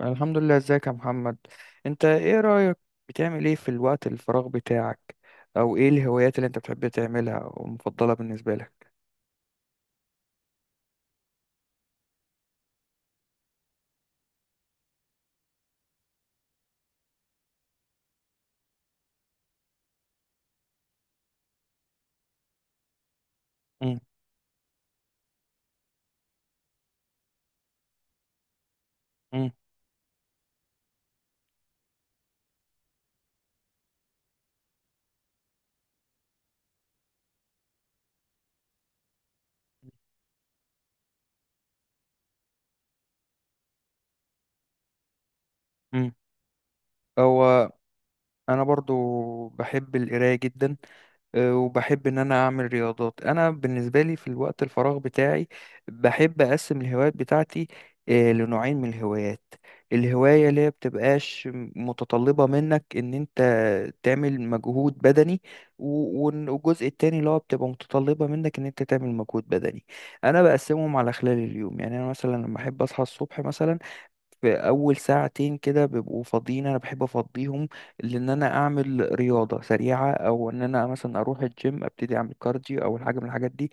الحمد لله، ازيك يا محمد؟ انت ايه رأيك، بتعمل ايه في الوقت الفراغ بتاعك؟ او ايه الهوايات اللي انت بتحب تعملها ومفضلة بالنسبة لك؟ مم، مم، مم. هو انا برضو بحب القراية جدا، وبحب ان انا اعمل رياضات. انا بالنسبه لي في الوقت الفراغ بتاعي بحب اقسم الهوايات بتاعتي لنوعين من الهوايات. الهوايه اللي هي بتبقاش متطلبه منك ان انت تعمل مجهود بدني، والجزء التاني اللي هو بتبقى متطلبه منك ان انت تعمل مجهود بدني. انا بقسمهم على خلال اليوم، يعني انا مثلا لما احب اصحى الصبح مثلا، في اول ساعتين كده بيبقوا فاضيين انا بحب افضيهم، لان انا اعمل رياضه سريعه، او ان انا مثلا اروح الجيم ابتدي اعمل كارديو او حاجه من الحاجات دي.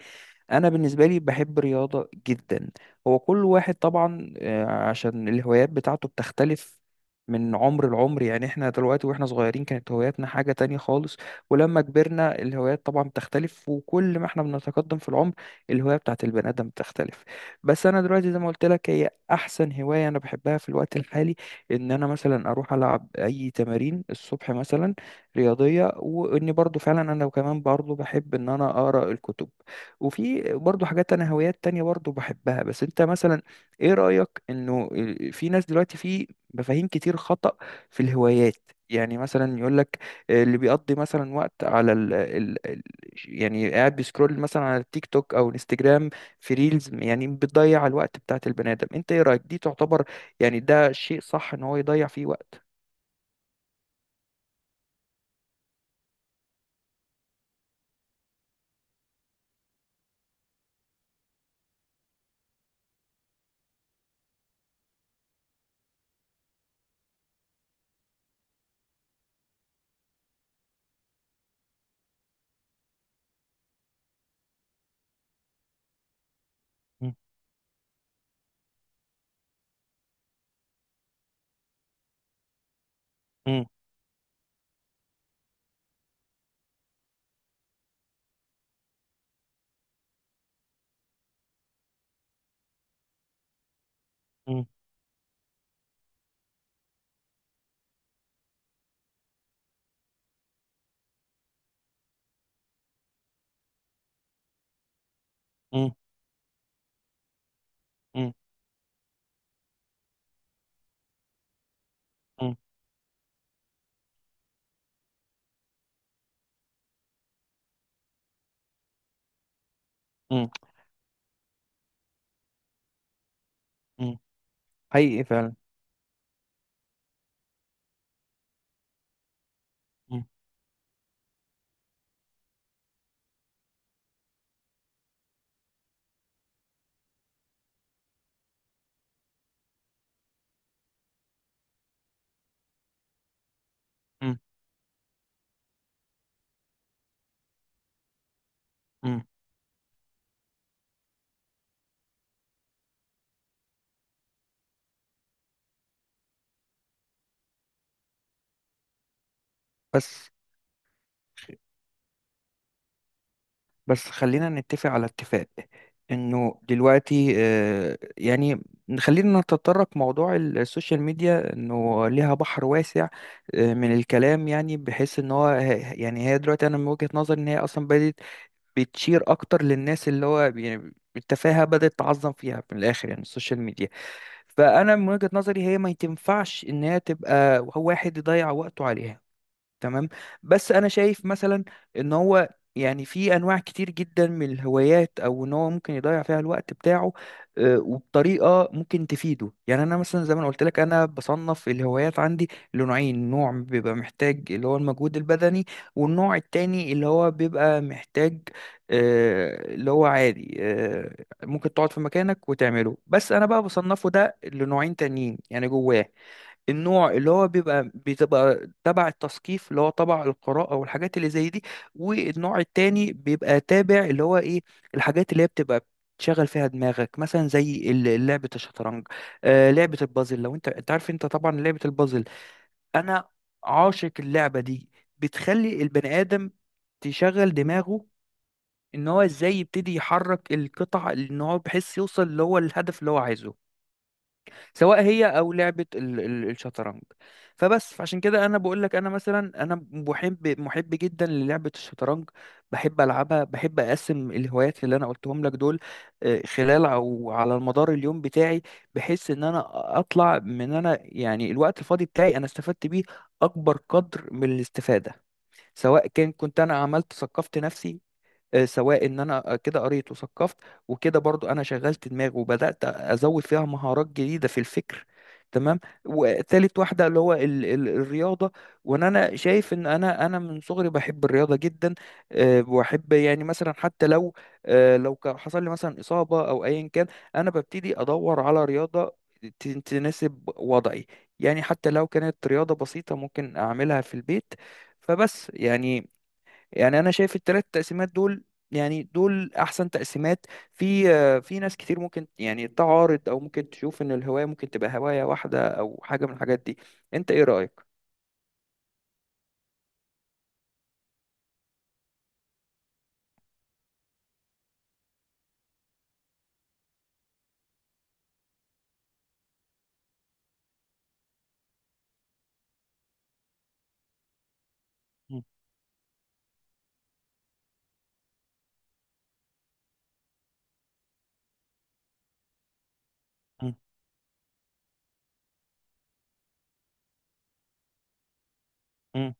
انا بالنسبه لي بحب رياضه جدا. هو كل واحد طبعا عشان الهوايات بتاعته بتختلف من عمر لعمر، يعني احنا دلوقتي واحنا صغيرين كانت هواياتنا حاجة تانية خالص، ولما كبرنا الهوايات طبعا بتختلف، وكل ما احنا بنتقدم في العمر الهواية بتاعت البني آدم بتختلف. بس انا دلوقتي زي ما قلت لك، هي احسن هوايه انا بحبها في الوقت الحالي، ان انا مثلا اروح العب اي تمارين الصبح مثلا رياضيه، واني برضو فعلا انا كمان برضو بحب ان انا اقرا الكتب. وفي برضو حاجات انا هوايات تانية برضو بحبها. بس انت مثلا ايه رايك انه في ناس دلوقتي في مفاهيم كتير خطأ في الهوايات؟ يعني مثلا يقول لك، اللي بيقضي مثلا وقت على يعني قاعد بيسكرول مثلا على التيك توك او انستجرام في ريلز، يعني بتضيع الوقت بتاعت البني آدم. انت ايه رأيك، دي تعتبر يعني ده شيء صح ان هو يضيع فيه وقت؟ مم. مم. مم. مم. مم. مم. مم. مم. حقيقي فعلا. مم. مم. مم. بس بس خلينا نتفق على اتفاق، انه دلوقتي يعني خلينا نتطرق موضوع السوشيال ميديا انه ليها بحر واسع من الكلام، يعني بحيث ان هو يعني هي دلوقتي انا من وجهة نظري ان هي اصلا بدأت بتشير اكتر للناس اللي هو يعني التفاهة بدأت تعظم فيها من الاخر، يعني السوشيال ميديا. فانا من وجهة نظري هي ما تنفعش ان هي تبقى هو واحد يضيع وقته عليها، تمام. بس انا شايف مثلا ان هو يعني في انواع كتير جدا من الهوايات او ان هو ممكن يضيع فيها الوقت بتاعه، وبطريقه ممكن تفيده، يعني انا مثلا زي ما أنا قلت لك انا بصنف الهوايات عندي لنوعين، نوع بيبقى محتاج اللي هو المجهود البدني، والنوع التاني اللي هو بيبقى محتاج اللي هو عادي، ممكن تقعد في مكانك وتعمله. بس انا بقى بصنفه ده لنوعين تانيين يعني جواه، النوع اللي هو بتبقى تبع التثقيف اللي هو تبع القراءة والحاجات اللي زي دي. والنوع التاني بيبقى تابع اللي هو ايه، الحاجات اللي هي بتبقى تشغل فيها دماغك، مثلا زي لعبة الشطرنج، لعبة البازل، لو انت عارف انت طبعا لعبة البازل، انا عاشق اللعبة دي. بتخلي البني آدم تشغل دماغه، ان هو ازاي يبتدي يحرك القطع، ان هو بحيث يوصل اللي هو الهدف اللي هو عايزه، سواء هي او لعبه الشطرنج. فبس فعشان كده انا بقول لك، انا مثلا انا محب محب جدا للعبه الشطرنج، بحب العبها، بحب اقسم الهوايات اللي انا قلتهم لك دول، خلال او على المدار اليوم بتاعي. بحيث ان انا اطلع من انا يعني الوقت الفاضي بتاعي، انا استفدت بيه اكبر قدر من الاستفاده، سواء كان كنت انا عملت ثقفت نفسي، سواء ان انا كده قريت وثقفت، وكده برضو انا شغلت دماغي وبدات ازود فيها مهارات جديده في الفكر. تمام، وتالت واحده اللي هو ال ال الرياضه. وان انا شايف ان انا من صغري بحب الرياضه جدا. واحب يعني مثلا حتى لو كان حصل لي مثلا اصابه او ايا كان، انا ببتدي ادور على رياضه تناسب وضعي. يعني حتى لو كانت رياضه بسيطه ممكن اعملها في البيت. فبس يعني انا شايف الثلاث تقسيمات دول، يعني دول احسن تقسيمات. في ناس كتير ممكن يعني تعارض، او ممكن تشوف ان الهواية ممكن تبقى هواية واحدة او حاجة من الحاجات دي. انت ايه رأيك؟ مم. مم. مم.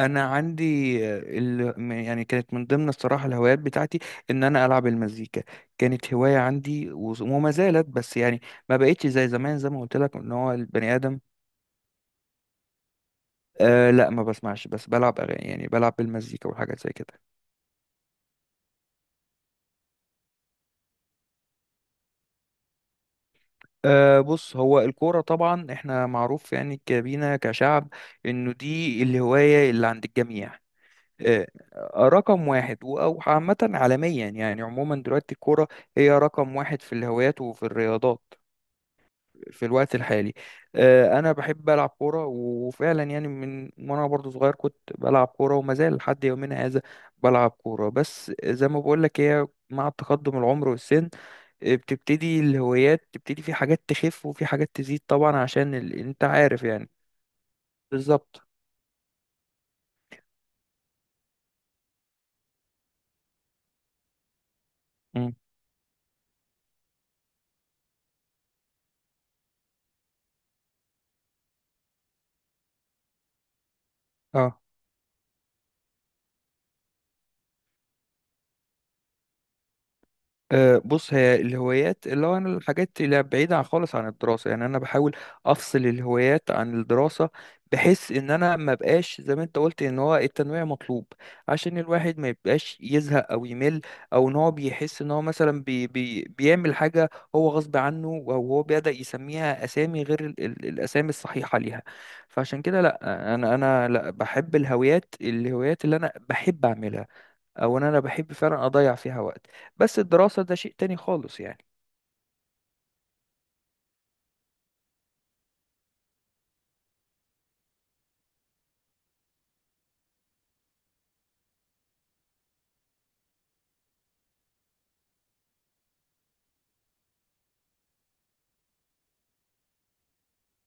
انا عندي يعني كانت من ضمن الصراحه الهوايات بتاعتي ان انا العب المزيكا، كانت هوايه عندي وما زالت. بس يعني ما بقتش زي زمان، زي ما قلت لك ان هو البني ادم. آه لا، ما بسمعش بس بلعب اغاني، يعني بلعب بالمزيكا وحاجات زي كده. أه، بص هو الكورة طبعا احنا معروف يعني كبينا كشعب انه دي الهواية اللي عند الجميع. أه، رقم واحد، او عامة عالميا يعني عموما دلوقتي الكورة هي رقم واحد في الهوايات وفي الرياضات في الوقت الحالي. انا بحب العب كوره، وفعلا يعني من وانا برضو صغير كنت بلعب كوره وما زال لحد يومنا هذا بلعب كوره. بس زي ما بقول لك هي مع تقدم العمر والسن، بتبتدي الهوايات تبتدي في حاجات تخف وفي حاجات تزيد، طبعا عشان انت عارف يعني. بالظبط. مم. اه، أه، بص هي الهوايات اللي هو انا الحاجات اللي بعيدة خالص عن الدراسة، يعني انا بحاول افصل الهوايات عن الدراسة. بحيث ان انا ما بقاش زي ما انت قلت ان هو التنويع مطلوب، عشان الواحد ما يبقاش يزهق او يمل، او ان هو بيحس ان هو مثلا بي بي بيعمل حاجة هو غصب عنه، او هو بدأ يسميها اسامي غير ال ال الاسامي الصحيحة ليها. فعشان كده لا، انا لا بحب الهوايات اللي انا بحب اعملها، او ان انا بحب فعلا اضيع فيها وقت. بس الدراسة ده شيء تاني خالص يعني.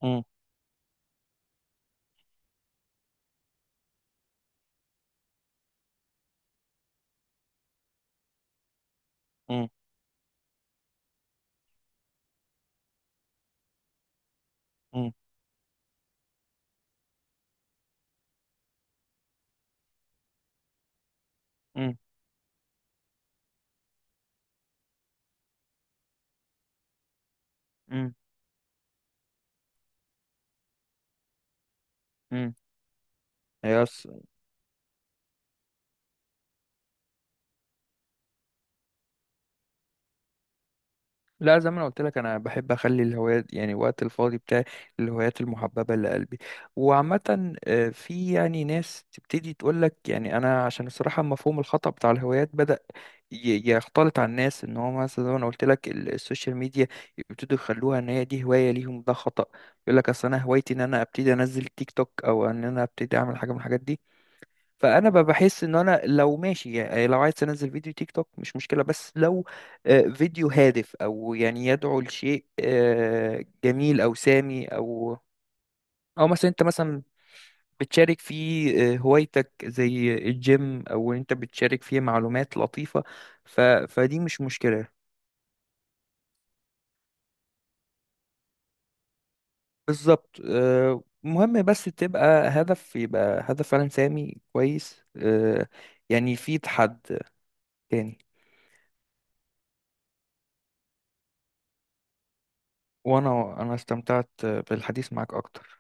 مم، مم، مم، مم، مم، مم. هي لا، زي ما انا قلت لك انا بحب اخلي الهوايات يعني وقت الفاضي بتاعي الهوايات المحببه لقلبي، وعامه. في يعني ناس تبتدي تقول لك يعني انا عشان الصراحه مفهوم الخطا بتاع الهوايات بدا يختلط على الناس، ان هو مثلا زي ما انا قلت لك السوشيال ميديا يبتدوا يخلوها ان هي دي هوايه ليهم، ده خطا. يقول لك اصل انا هوايتي ان انا ابتدي انزل تيك توك، او ان انا ابتدي اعمل حاجه من الحاجات دي. فانا بحس ان انا لو ماشي يعني لو عايز انزل فيديو تيك توك مش مشكله، بس لو فيديو هادف او يعني يدعو لشيء جميل او سامي، او مثلا انت مثلا بتشارك فيه هوايتك زي الجيم، او انت بتشارك فيه معلومات لطيفه. فدي مش مشكله. بالظبط، مهم بس تبقى هدف، يبقى هدف فعلا سامي كويس. يعني في تحد تاني. وانا استمتعت بالحديث معك اكتر.